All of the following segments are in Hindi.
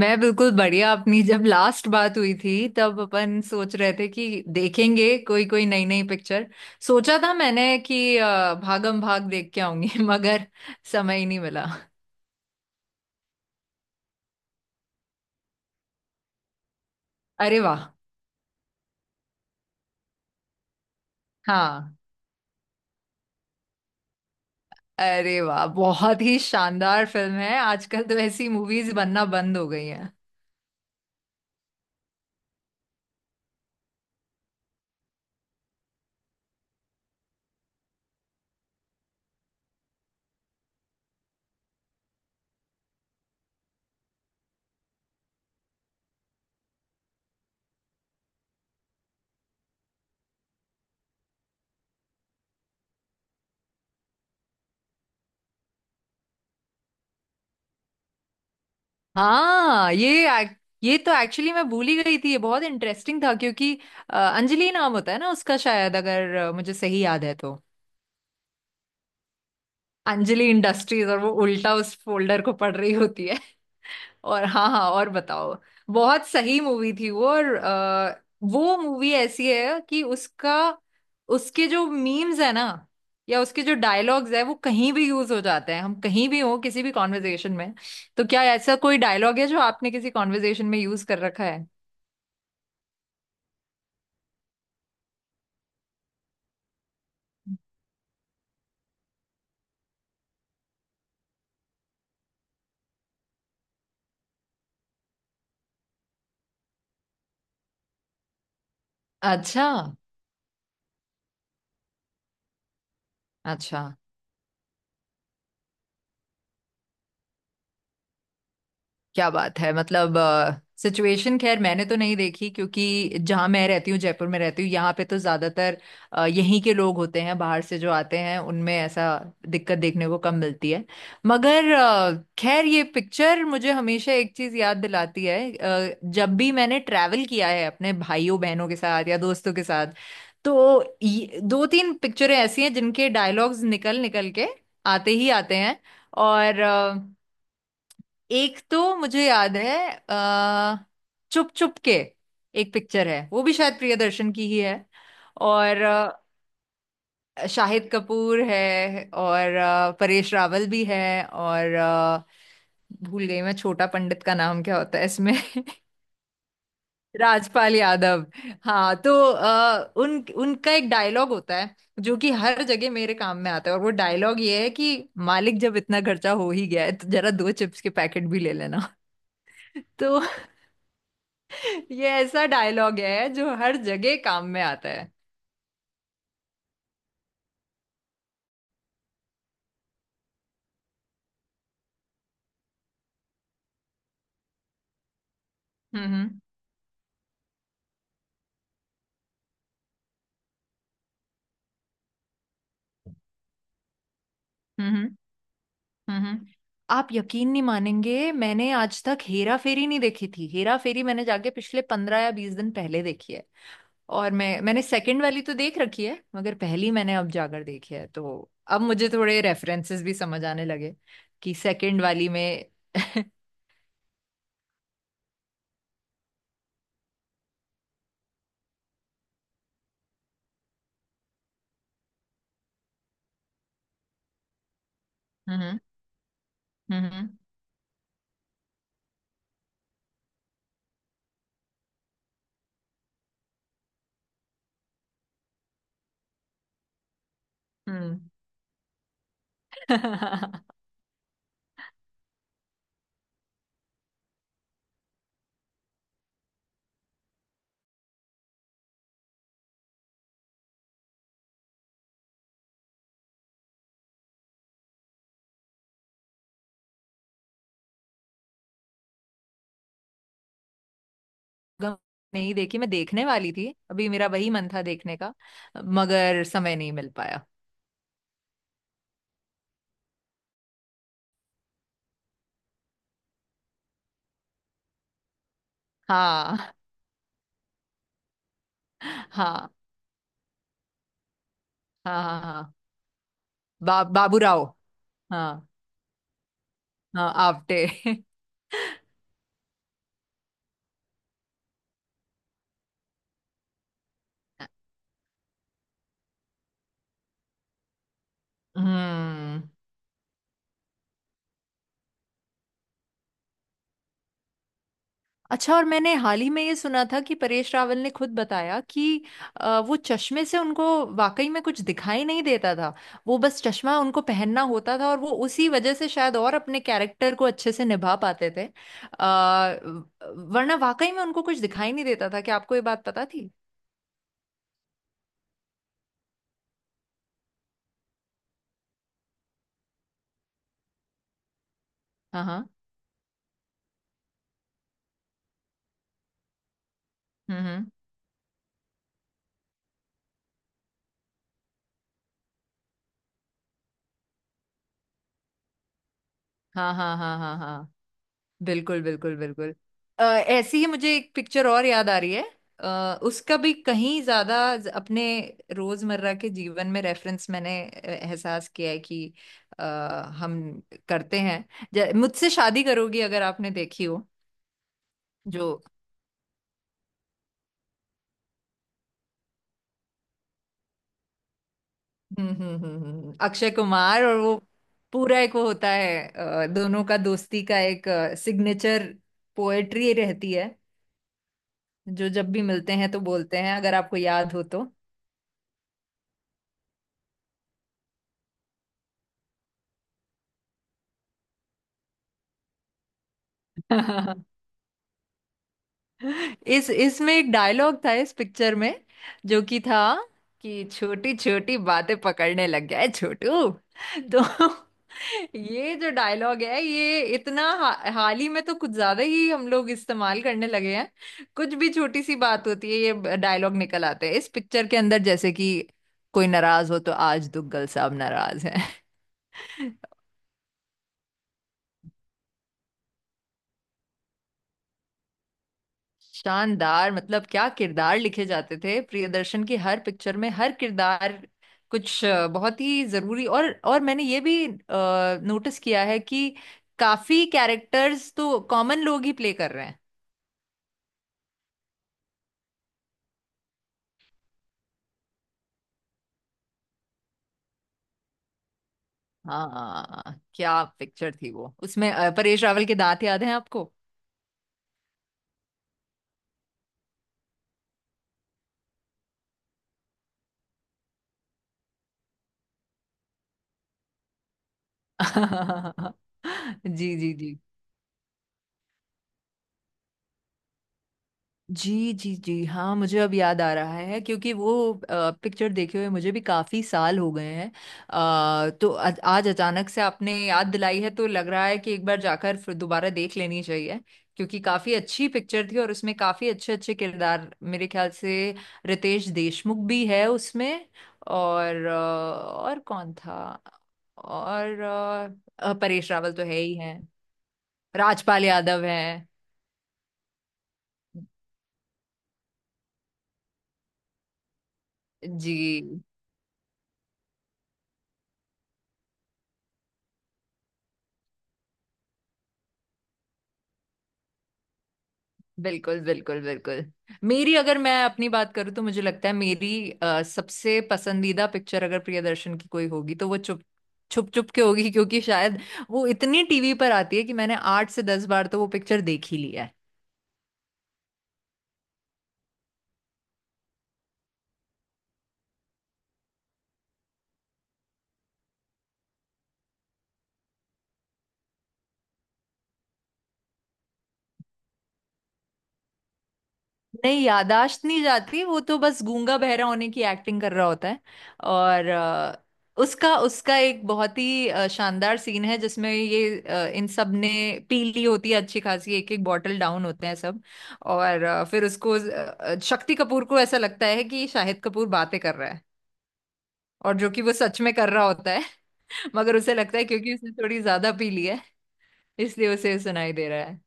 मैं बिल्कुल बढ़िया अपनी। जब लास्ट बात हुई थी तब अपन सोच रहे थे कि देखेंगे कोई कोई नई नई पिक्चर। सोचा था मैंने कि भागम भाग देख के आऊंगी मगर समय ही नहीं मिला। अरे वाह। हाँ। अरे वाह, बहुत ही शानदार फिल्म है। आजकल तो ऐसी मूवीज बनना बंद हो गई हैं। हाँ, ये तो एक्चुअली मैं भूल ही गई थी। ये बहुत इंटरेस्टिंग था, क्योंकि अंजलि नाम होता है ना उसका, शायद, अगर मुझे सही याद है तो। अंजलि इंडस्ट्रीज, और वो उल्टा उस फोल्डर को पढ़ रही होती है। और हाँ, हाँ, और बताओ। बहुत सही मूवी थी वो। और वो मूवी ऐसी है कि उसका उसके जो मीम्स है ना, या उसके जो डायलॉग्स है वो कहीं भी यूज हो जाते हैं। हम कहीं भी हो, किसी भी कॉन्वर्जेशन में। तो क्या ऐसा कोई डायलॉग है जो आपने किसी कॉन्वर्जेशन में यूज कर रखा है? अच्छा, अच्छा। क्या बात है। मतलब सिचुएशन, खैर मैंने तो नहीं देखी, क्योंकि जहाँ मैं रहती हूँ, जयपुर में रहती हूँ, यहाँ पे तो ज्यादातर यहीं के लोग होते हैं। बाहर से जो आते हैं उनमें ऐसा दिक्कत देखने को कम मिलती है। मगर, खैर, ये पिक्चर मुझे हमेशा एक चीज याद दिलाती है। जब भी मैंने ट्रैवल किया है अपने भाइयों बहनों के साथ या दोस्तों के साथ, तो 2 3 पिक्चरें ऐसी हैं जिनके डायलॉग्स निकल निकल के आते ही आते हैं। और एक तो मुझे याद है, अ चुप चुप के, एक पिक्चर है, वो भी शायद प्रियदर्शन की ही है। और शाहिद कपूर है, और परेश रावल भी है, और भूल गई मैं छोटा पंडित का नाम क्या होता है इसमें। राजपाल यादव। हाँ, तो उन उनका एक डायलॉग होता है जो कि हर जगह मेरे काम में आता है। और वो डायलॉग ये है कि, मालिक, जब इतना खर्चा हो ही गया है तो जरा दो चिप्स के पैकेट भी ले लेना। तो ये ऐसा डायलॉग है जो हर जगह काम में आता है। हम्म, हम्म, हम्म। आप यकीन नहीं मानेंगे, मैंने आज तक हेरा फेरी नहीं देखी थी। हेरा फेरी मैंने जाके पिछले 15 या 20 दिन पहले देखी है। और मैंने सेकंड वाली तो देख रखी है, मगर पहली मैंने अब जाकर देखी है। तो अब मुझे थोड़े रेफरेंसेस भी समझ आने लगे कि सेकंड वाली में। हम्म, हम्म, हम्म। हम्म। गम नहीं देखी, मैं देखने वाली थी। अभी मेरा वही मन था देखने का, मगर समय नहीं मिल पाया। हाँ, हाँ, हाँ, हाँ, हाँ। बाबू राव। हाँ, हाँ, आपटे। हम्म। अच्छा। और मैंने हाल ही में ये सुना था कि परेश रावल ने खुद बताया कि वो चश्मे से उनको वाकई में कुछ दिखाई नहीं देता था। वो बस चश्मा उनको पहनना होता था, और वो उसी वजह से शायद और अपने कैरेक्टर को अच्छे से निभा पाते थे। वरना वाकई में उनको कुछ दिखाई नहीं देता था। क्या आपको ये बात पता थी? हाँ, हाँ। हम्म, हम्म। हाँ, हाँ, हाँ, हाँ, हाँ। बिल्कुल, बिल्कुल, बिल्कुल। ऐसी ही मुझे एक पिक्चर और याद आ रही है। उसका भी कहीं ज्यादा अपने रोजमर्रा के जीवन में रेफरेंस मैंने एहसास किया है कि अ, हम करते हैं। मुझसे शादी करोगी, अगर आपने देखी हो। जो। हम्म, हम्म, हम्म, अक्षय कुमार, और वो पूरा एक वो होता है, दोनों का दोस्ती का एक सिग्नेचर, पोएट्री रहती है, जो जब भी मिलते हैं तो बोलते हैं, अगर आपको याद हो तो। इस इसमें एक डायलॉग था इस पिक्चर में, जो कि था कि छोटी छोटी बातें पकड़ने लग गया है छोटू। तो ये जो डायलॉग है ये इतना, हाल ही में तो कुछ ज्यादा ही हम लोग इस्तेमाल करने लगे हैं। कुछ भी छोटी सी बात होती है, ये डायलॉग निकल आते हैं इस पिक्चर के अंदर, जैसे कि कोई नाराज हो तो, आज दुग्गल साहब नाराज हैं। शानदार, मतलब क्या किरदार लिखे जाते थे प्रियदर्शन की हर पिक्चर में। हर किरदार कुछ बहुत ही जरूरी, और मैंने ये भी नोटिस किया है कि काफी कैरेक्टर्स तो कॉमन लोग ही प्ले कर रहे हैं। हाँ, क्या पिक्चर थी वो। उसमें परेश रावल के दांत याद हैं आपको? जी, जी, जी। जी, जी, जी। हाँ, मुझे अब याद आ रहा है, क्योंकि वो पिक्चर देखे हुए मुझे भी काफी साल हो गए हैं। तो आज आज अचानक से आपने याद दिलाई है तो लग रहा है कि एक बार जाकर फिर दोबारा देख लेनी चाहिए, क्योंकि काफी अच्छी पिक्चर थी और उसमें काफी अच्छे अच्छे किरदार, मेरे ख्याल से रितेश देशमुख भी है उसमें। और और कौन था। और परेश रावल तो है ही है। राजपाल यादव है। जी, बिल्कुल, बिल्कुल, बिल्कुल। मेरी, अगर मैं अपनी बात करूँ तो मुझे लगता है मेरी सबसे पसंदीदा पिक्चर अगर प्रियदर्शन की कोई होगी तो वो चुप छुप छुप के होगी, क्योंकि शायद वो इतनी टीवी पर आती है कि मैंने 8 से 10 बार तो वो पिक्चर देख ही लिया। नहीं, यादाश्त नहीं जाती, वो तो बस गूंगा बहरा होने की एक्टिंग कर रहा होता है। और उसका उसका एक बहुत ही शानदार सीन है, जिसमें ये इन सब ने पी ली होती है अच्छी खासी, एक एक बॉटल डाउन होते हैं सब। और फिर उसको, शक्ति कपूर को ऐसा लगता है कि शाहिद कपूर बातें कर रहा है, और जो कि वो सच में कर रहा होता है। मगर उसे लगता है क्योंकि उसने थोड़ी ज्यादा पी ली है, इसलिए उसे सुनाई दे रहा है।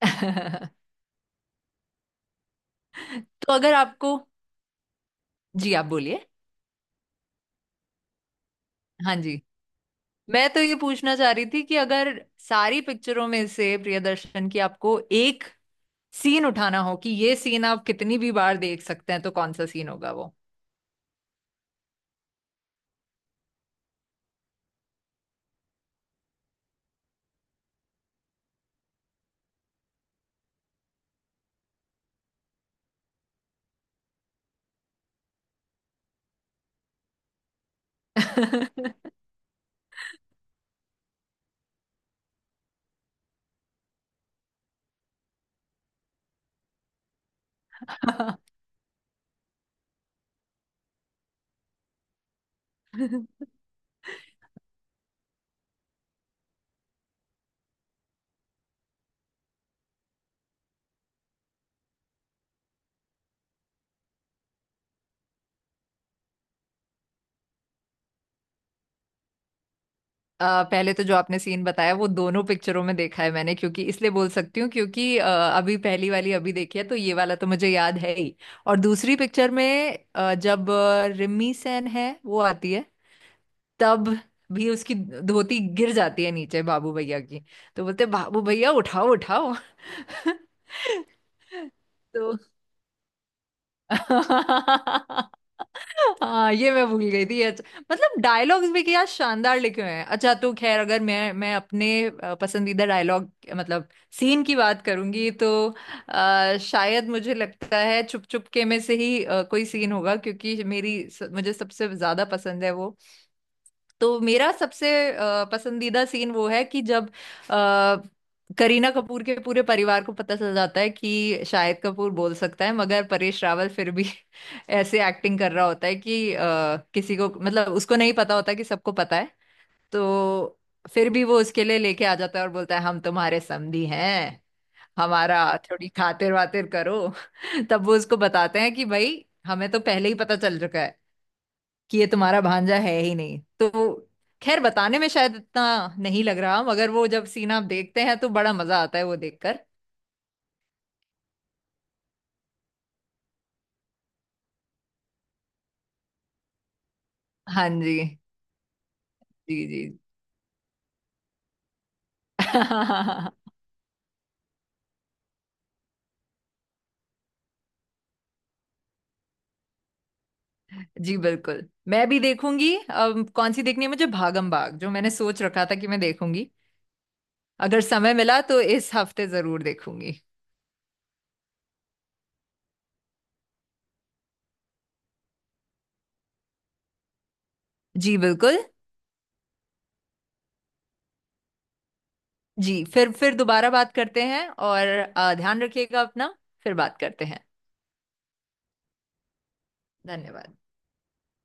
तो अगर आपको। जी, आप बोलिए। हाँ जी, मैं तो ये पूछना चाह रही थी कि अगर सारी पिक्चरों में से प्रियदर्शन की आपको एक सीन उठाना हो कि ये सीन आप कितनी भी बार देख सकते हैं, तो कौन सा सीन होगा वो? पहले तो जो आपने सीन बताया, वो दोनों पिक्चरों में देखा है मैंने, क्योंकि, इसलिए बोल सकती हूँ क्योंकि अभी पहली वाली अभी देखी है, तो ये वाला तो मुझे याद है ही। और दूसरी पिक्चर में जब रिमी सेन है, वो आती है तब भी उसकी धोती गिर जाती है नीचे, बाबू भैया की। तो बोलते हैं, बाबू भैया, उठाओ उठाओ। तो हाँ, ये मैं भूल गई थी, अच्छा। मतलब डायलॉग्स भी क्या शानदार लिखे हुए हैं। अच्छा, तो खैर, अगर मैं अपने पसंदीदा डायलॉग, मतलब सीन की बात करूंगी, तो शायद मुझे लगता है चुप चुप के में से ही कोई सीन होगा, क्योंकि मेरी मुझे सबसे ज्यादा पसंद है वो। तो मेरा सबसे पसंदीदा सीन वो है कि जब करीना कपूर के पूरे परिवार को पता चल जाता है कि शाहिद कपूर बोल सकता है, मगर परेश रावल फिर भी ऐसे एक्टिंग कर रहा होता है कि किसी को, मतलब उसको नहीं पता होता कि सबको पता है। तो फिर भी वो उसके लिए लेके आ जाता है और बोलता है, हम तुम्हारे समधी हैं, हमारा थोड़ी खातिर वातिर करो। तब वो उसको बताते हैं कि भाई, हमें तो पहले ही पता चल चुका है कि ये तुम्हारा भांजा है ही नहीं। तो खैर, बताने में शायद इतना नहीं लग रहा, मगर वो जब सीन आप देखते हैं तो बड़ा मजा आता है वो देखकर। हाँ, जी, जी, जी। जी बिल्कुल, मैं भी देखूंगी। अब कौन सी देखनी है मुझे, भागम भाग जो मैंने सोच रखा था कि मैं देखूंगी, अगर समय मिला तो इस हफ्ते जरूर देखूंगी। जी बिल्कुल। जी, फिर दोबारा बात करते हैं, और ध्यान रखिएगा अपना। फिर बात करते हैं। धन्यवाद।